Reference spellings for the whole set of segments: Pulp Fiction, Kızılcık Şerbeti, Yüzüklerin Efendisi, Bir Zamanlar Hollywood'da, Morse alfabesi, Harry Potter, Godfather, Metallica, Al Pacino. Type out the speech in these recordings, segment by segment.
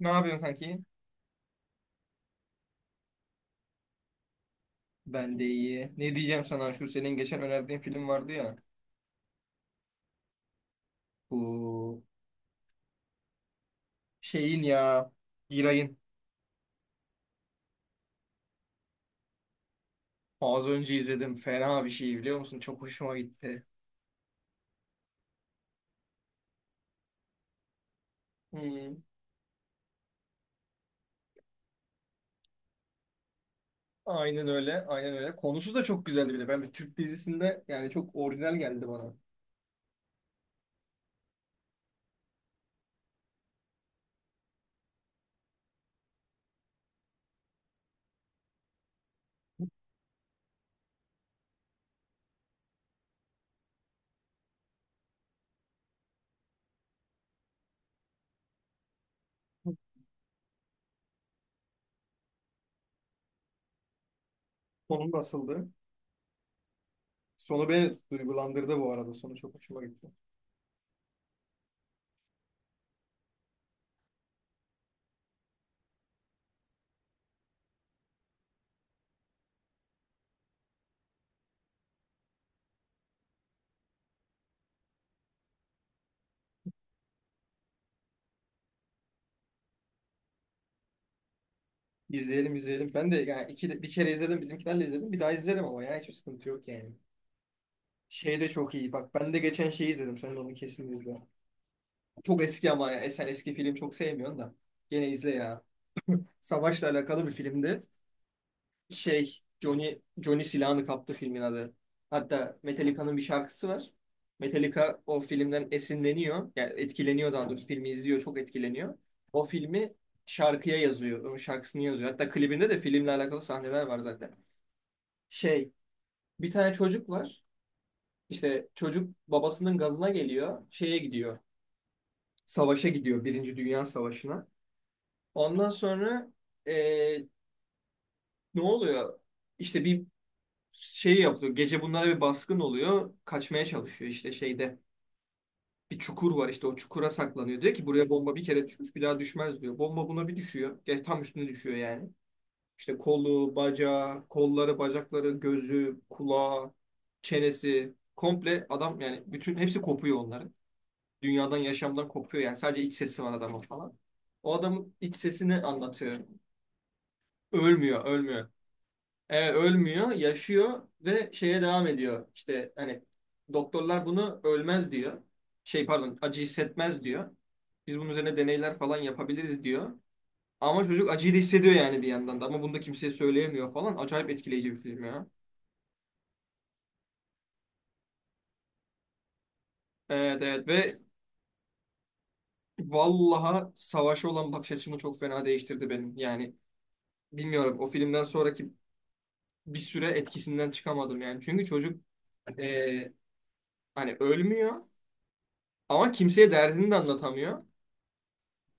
Ne yapıyorsun kanki? Ben de iyi. Ne diyeceğim sana? Şu senin geçen önerdiğin film vardı ya. Bu şeyin ya. Giray'ın. Az önce izledim. Fena bir şey biliyor musun? Çok hoşuma gitti. Hmm. Aynen öyle. Aynen öyle. Konusu da çok güzeldi bile. Ben bir Türk dizisinde yani çok orijinal geldi bana. Sonu nasıldı? Sonu beni duygulandırdı bu arada. Sonu çok hoşuma gitti. İzleyelim izleyelim. Ben de yani iki de, bir kere izledim. Bizimkilerle izledim. Bir daha izlerim ama ya hiçbir sıkıntı yok yani. Şey de çok iyi. Bak ben de geçen şeyi izledim. Sen de onu kesin izle. Çok eski ama ya. E, sen eski film çok sevmiyorsun da. Gene izle ya. Savaşla alakalı bir filmdi. Şey, Johnny silahını kaptı filmin adı. Hatta Metallica'nın bir şarkısı var. Metallica o filmden esinleniyor. Yani etkileniyor daha doğrusu. Filmi izliyor, çok etkileniyor. O filmi şarkıya yazıyor. Onun şarkısını yazıyor. Hatta klibinde de filmle alakalı sahneler var zaten. Şey, bir tane çocuk var. İşte çocuk babasının gazına geliyor. Şeye gidiyor. Savaşa gidiyor. Birinci Dünya Savaşı'na. Ondan sonra eee, ne oluyor? İşte bir şey yapıyor. Gece bunlara bir baskın oluyor. Kaçmaya çalışıyor işte şeyde. Bir çukur var işte o çukura saklanıyor. Diyor ki buraya bomba bir kere düşmüş bir daha düşmez diyor. Bomba buna bir düşüyor. Geç tam üstüne düşüyor yani. İşte kolu, bacağı, kolları, bacakları, gözü, kulağı, çenesi. Komple adam yani bütün hepsi kopuyor onların. Dünyadan, yaşamdan kopuyor yani. Sadece iç sesi var adamın falan. O adamın iç sesini anlatıyor. Ölmüyor, ölmüyor. E, ölmüyor, yaşıyor ve şeye devam ediyor. İşte hani doktorlar bunu ölmez diyor. Şey pardon, acı hissetmez diyor. Biz bunun üzerine deneyler falan yapabiliriz diyor. Ama çocuk acıyı da hissediyor yani bir yandan da. Ama bunu da kimseye söyleyemiyor falan. Acayip etkileyici bir film ya. Evet evet ve vallaha savaşa olan bakış açımı çok fena değiştirdi benim. Yani bilmiyorum o filmden sonraki bir süre etkisinden çıkamadım yani. Çünkü çocuk e, hani ölmüyor ama kimseye derdini de anlatamıyor.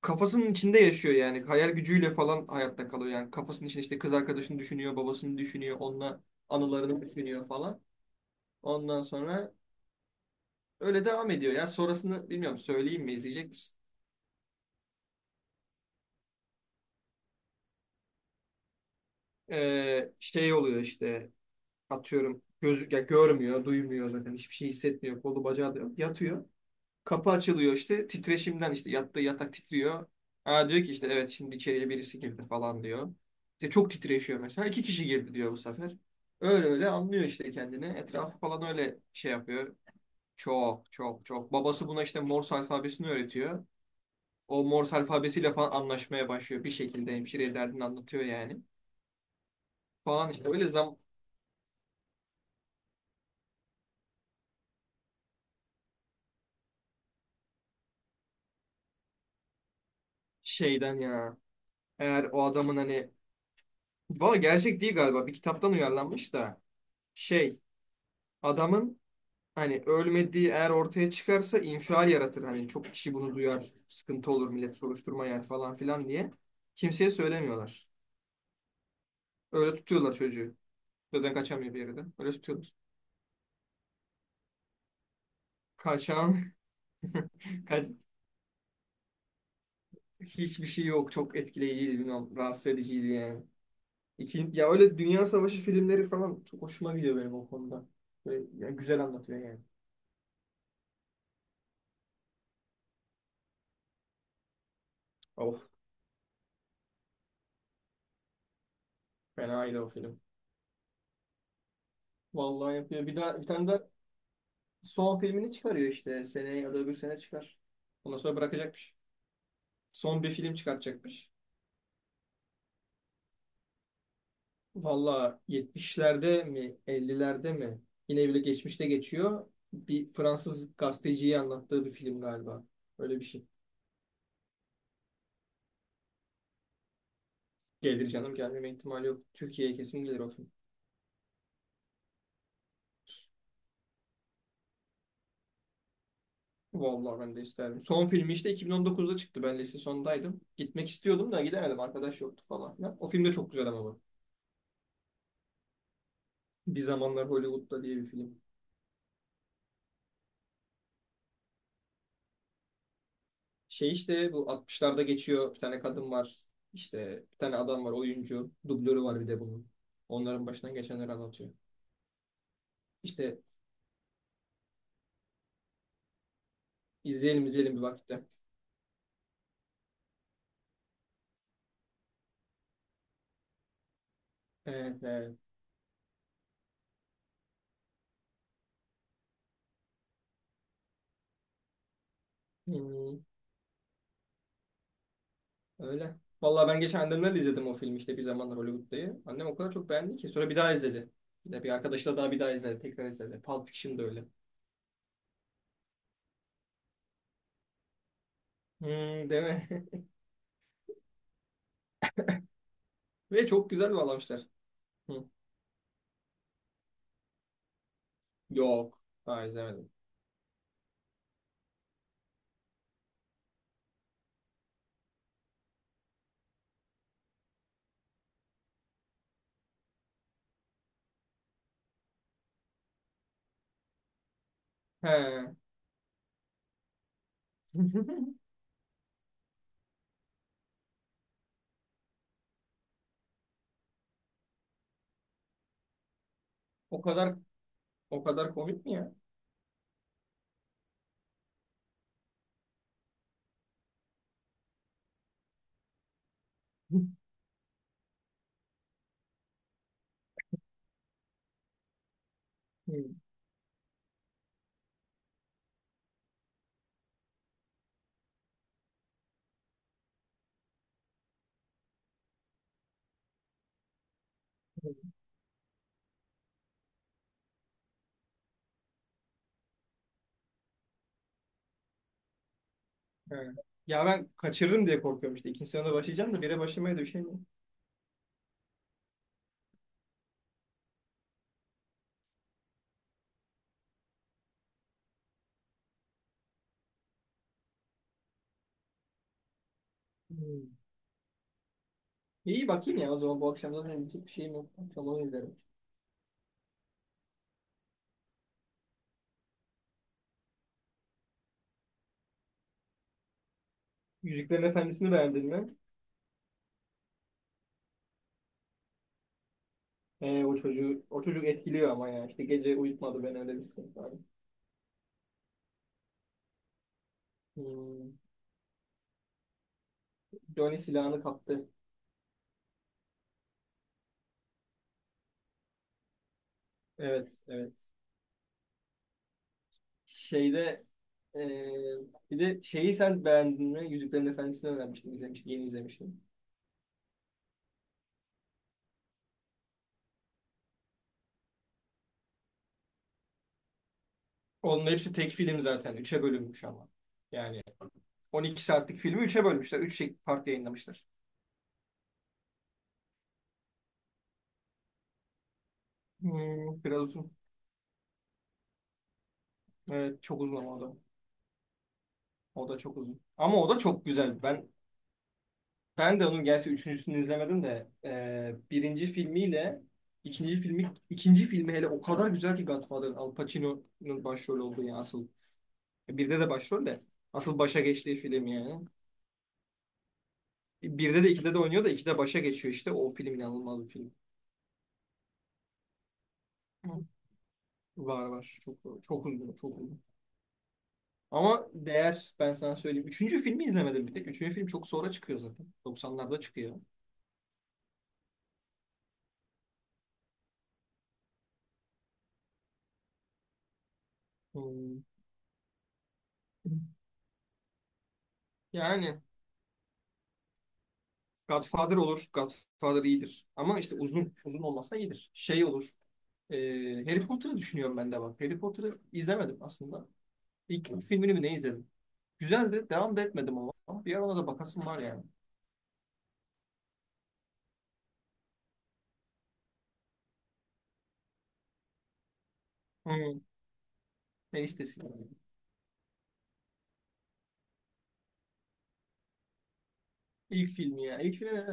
Kafasının içinde yaşıyor yani. Hayal gücüyle falan hayatta kalıyor yani. Kafasının içinde işte kız arkadaşını düşünüyor, babasını düşünüyor, onunla anılarını düşünüyor falan. Ondan sonra öyle devam ediyor. Yani sonrasını bilmiyorum söyleyeyim mi, izleyecek misin? Şey oluyor işte atıyorum gözü ya görmüyor, duymuyor zaten hiçbir şey hissetmiyor. Kolu bacağı da yok. Yatıyor. Kapı açılıyor işte titreşimden işte yattığı yatak titriyor. Aa diyor ki işte evet şimdi içeriye birisi girdi falan diyor. İşte çok titreşiyor mesela. İki kişi girdi diyor bu sefer. Öyle öyle anlıyor işte kendini. Etrafı falan öyle şey yapıyor. Çok çok çok. Babası buna işte Morse alfabesini öğretiyor. O Morse alfabesiyle falan anlaşmaya başlıyor. Bir şekilde hemşireye derdini anlatıyor yani. Falan işte öyle şeyden ya. Eğer o adamın hani... Valla gerçek değil galiba. Bir kitaptan uyarlanmış da. Şey adamın hani ölmediği eğer ortaya çıkarsa infial yaratır. Hani çok kişi bunu duyar. Sıkıntı olur millet soruşturma yer falan filan diye. Kimseye söylemiyorlar. Öyle tutuyorlar çocuğu. Zaten kaçamıyor bir yerden. Öyle tutuyorlar. Kaçan kaç, hiçbir şey yok. Çok etkileyiciydi. Bilmiyorum. Rahatsız ediciydi yani. İki, ya öyle Dünya Savaşı filmleri falan çok hoşuma gidiyor benim o konuda. Böyle, ya güzel anlatıyor yani. Of, fenaydı o film. Vallahi yapıyor. Bir daha bir tane de son filmini çıkarıyor işte. Seneye ya da öbür sene çıkar. Ondan sonra bırakacakmış. Son bir film çıkartacakmış. Valla 70'lerde mi 50'lerde mi yine bile geçmişte geçiyor. Bir Fransız gazeteciyi anlattığı bir film galiba. Öyle bir şey. Gelir canım, gelmeme ihtimali yok. Türkiye'ye kesin gelir o film. Vallahi ben de isterdim. Son filmi işte 2019'da çıktı. Ben lise sondaydım. Gitmek istiyordum da gidemedim. Arkadaş yoktu falan filan. O film de çok güzel ama. Bu. Bir Zamanlar Hollywood'da diye bir film. Şey işte bu 60'larda geçiyor. Bir tane kadın var. İşte bir tane adam var oyuncu. Dublörü var bir de bunun. Onların başından geçenleri anlatıyor. İşte izleyelim izleyelim bir vakitte. Evet evet. Hmm, öyle. Vallahi ben geçen annemlerle izledim o filmi işte Bir Zamanlar Hollywood'dayı. Annem o kadar çok beğendi ki. Sonra bir daha izledi. Bir de bir arkadaşla daha bir daha izledi. Tekrar izledi. Pulp Fiction da öyle. Hmm, değil mi? Ve çok güzel bağlamışlar. Hı. Yok. Daha izlemedim. He. O kadar o kadar komik mi ya? Hı. He. Ya ben kaçırırım diye korkuyorum işte. İkinci sınavda başlayacağım da bire başlamaya düşemiyorum. Hmm. İyi bakayım ya, o zaman bu akşam zaten gidecek bir şeyim yok. Akşam onu izlerim. Yüzüklerin Efendisi'ni beğendin mi? O çocuğu o çocuk etkiliyor ama ya. İşte gece uyutmadı, ben öyle bir sıkıntı var. Hmm. Johnny silahını kaptı. Evet, evet. Şeyde ee, bir de şeyi sen beğendin mi? Yüzüklerin Efendisi'ni öğrenmiştim, izlemiştim, yeni izlemiştim. Onun hepsi tek film zaten. Üçe bölünmüş ama. Yani 12 saatlik filmi üçe bölmüşler. Üç part yayınlamışlar. Hmm. Biraz uzun. Evet çok uzun ama o da. O da çok uzun. Ama o da çok güzel. Ben de onun gerçi üçüncüsünü izlemedim de birinci filmiyle ikinci filmi hele o kadar güzel ki Godfather'ın, Al Pacino'nun başrol olduğu yani asıl. E, birde de başrol de asıl başa geçtiği film yani. E, birde de ikide de oynuyor da ikide başa geçiyor işte. O film inanılmaz bir film. Var var. Çok çok uzun. Çok uzun. Ama değer, ben sana söyleyeyim. Üçüncü filmi izlemedim bir tek. Üçüncü film çok sonra çıkıyor zaten. Doksanlarda çıkıyor. Hmm. Yani Godfather olur. Godfather iyidir. Ama işte uzun, uzun olmasa iyidir. Şey olur. Harry Potter'ı düşünüyorum ben de bak. Harry Potter'ı izlemedim aslında. İlk üç filmini mi ne izledim? Güzeldi. Devam da etmedim ama. Bir ara ona da bakasım var yani. Hmm. Ne istesin. İlk filmi ya. İlk filmi ne?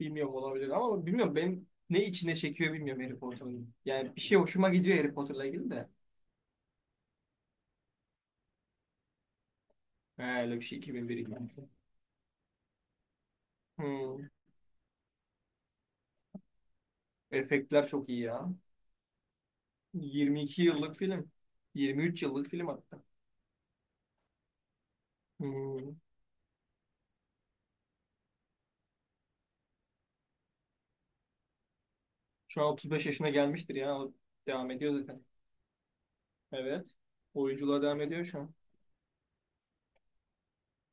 Bilmiyorum, olabilir ama bilmiyorum benim ne içine çekiyor bilmiyorum Harry Potter'ın. Yani bir şey hoşuma gidiyor Harry Potter'la ilgili de. He, öyle bir şey 2001 2002. Hmm. Efektler çok iyi ya. 22 yıllık film. 23 yıllık film hatta. Hmm. Şu an 35 yaşına gelmiştir ya. O devam ediyor zaten. Evet. Oyunculuğa devam ediyor şu an.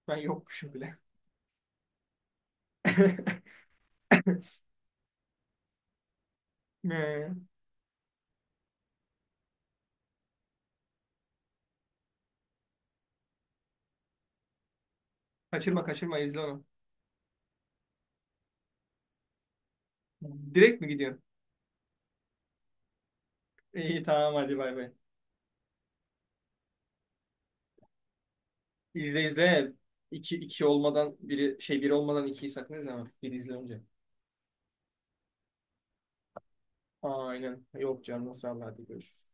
Ben yokmuşum bile. He. Kaçırma kaçırma, izle onu. Direkt mi gidiyorsun? İyi tamam, hadi bay bay. İzle izle. İki, iki olmadan biri biri olmadan ikiyi sakın izleme. Biri izle önce. Aynen. Yok canım sağ ol, hadi görüşürüz.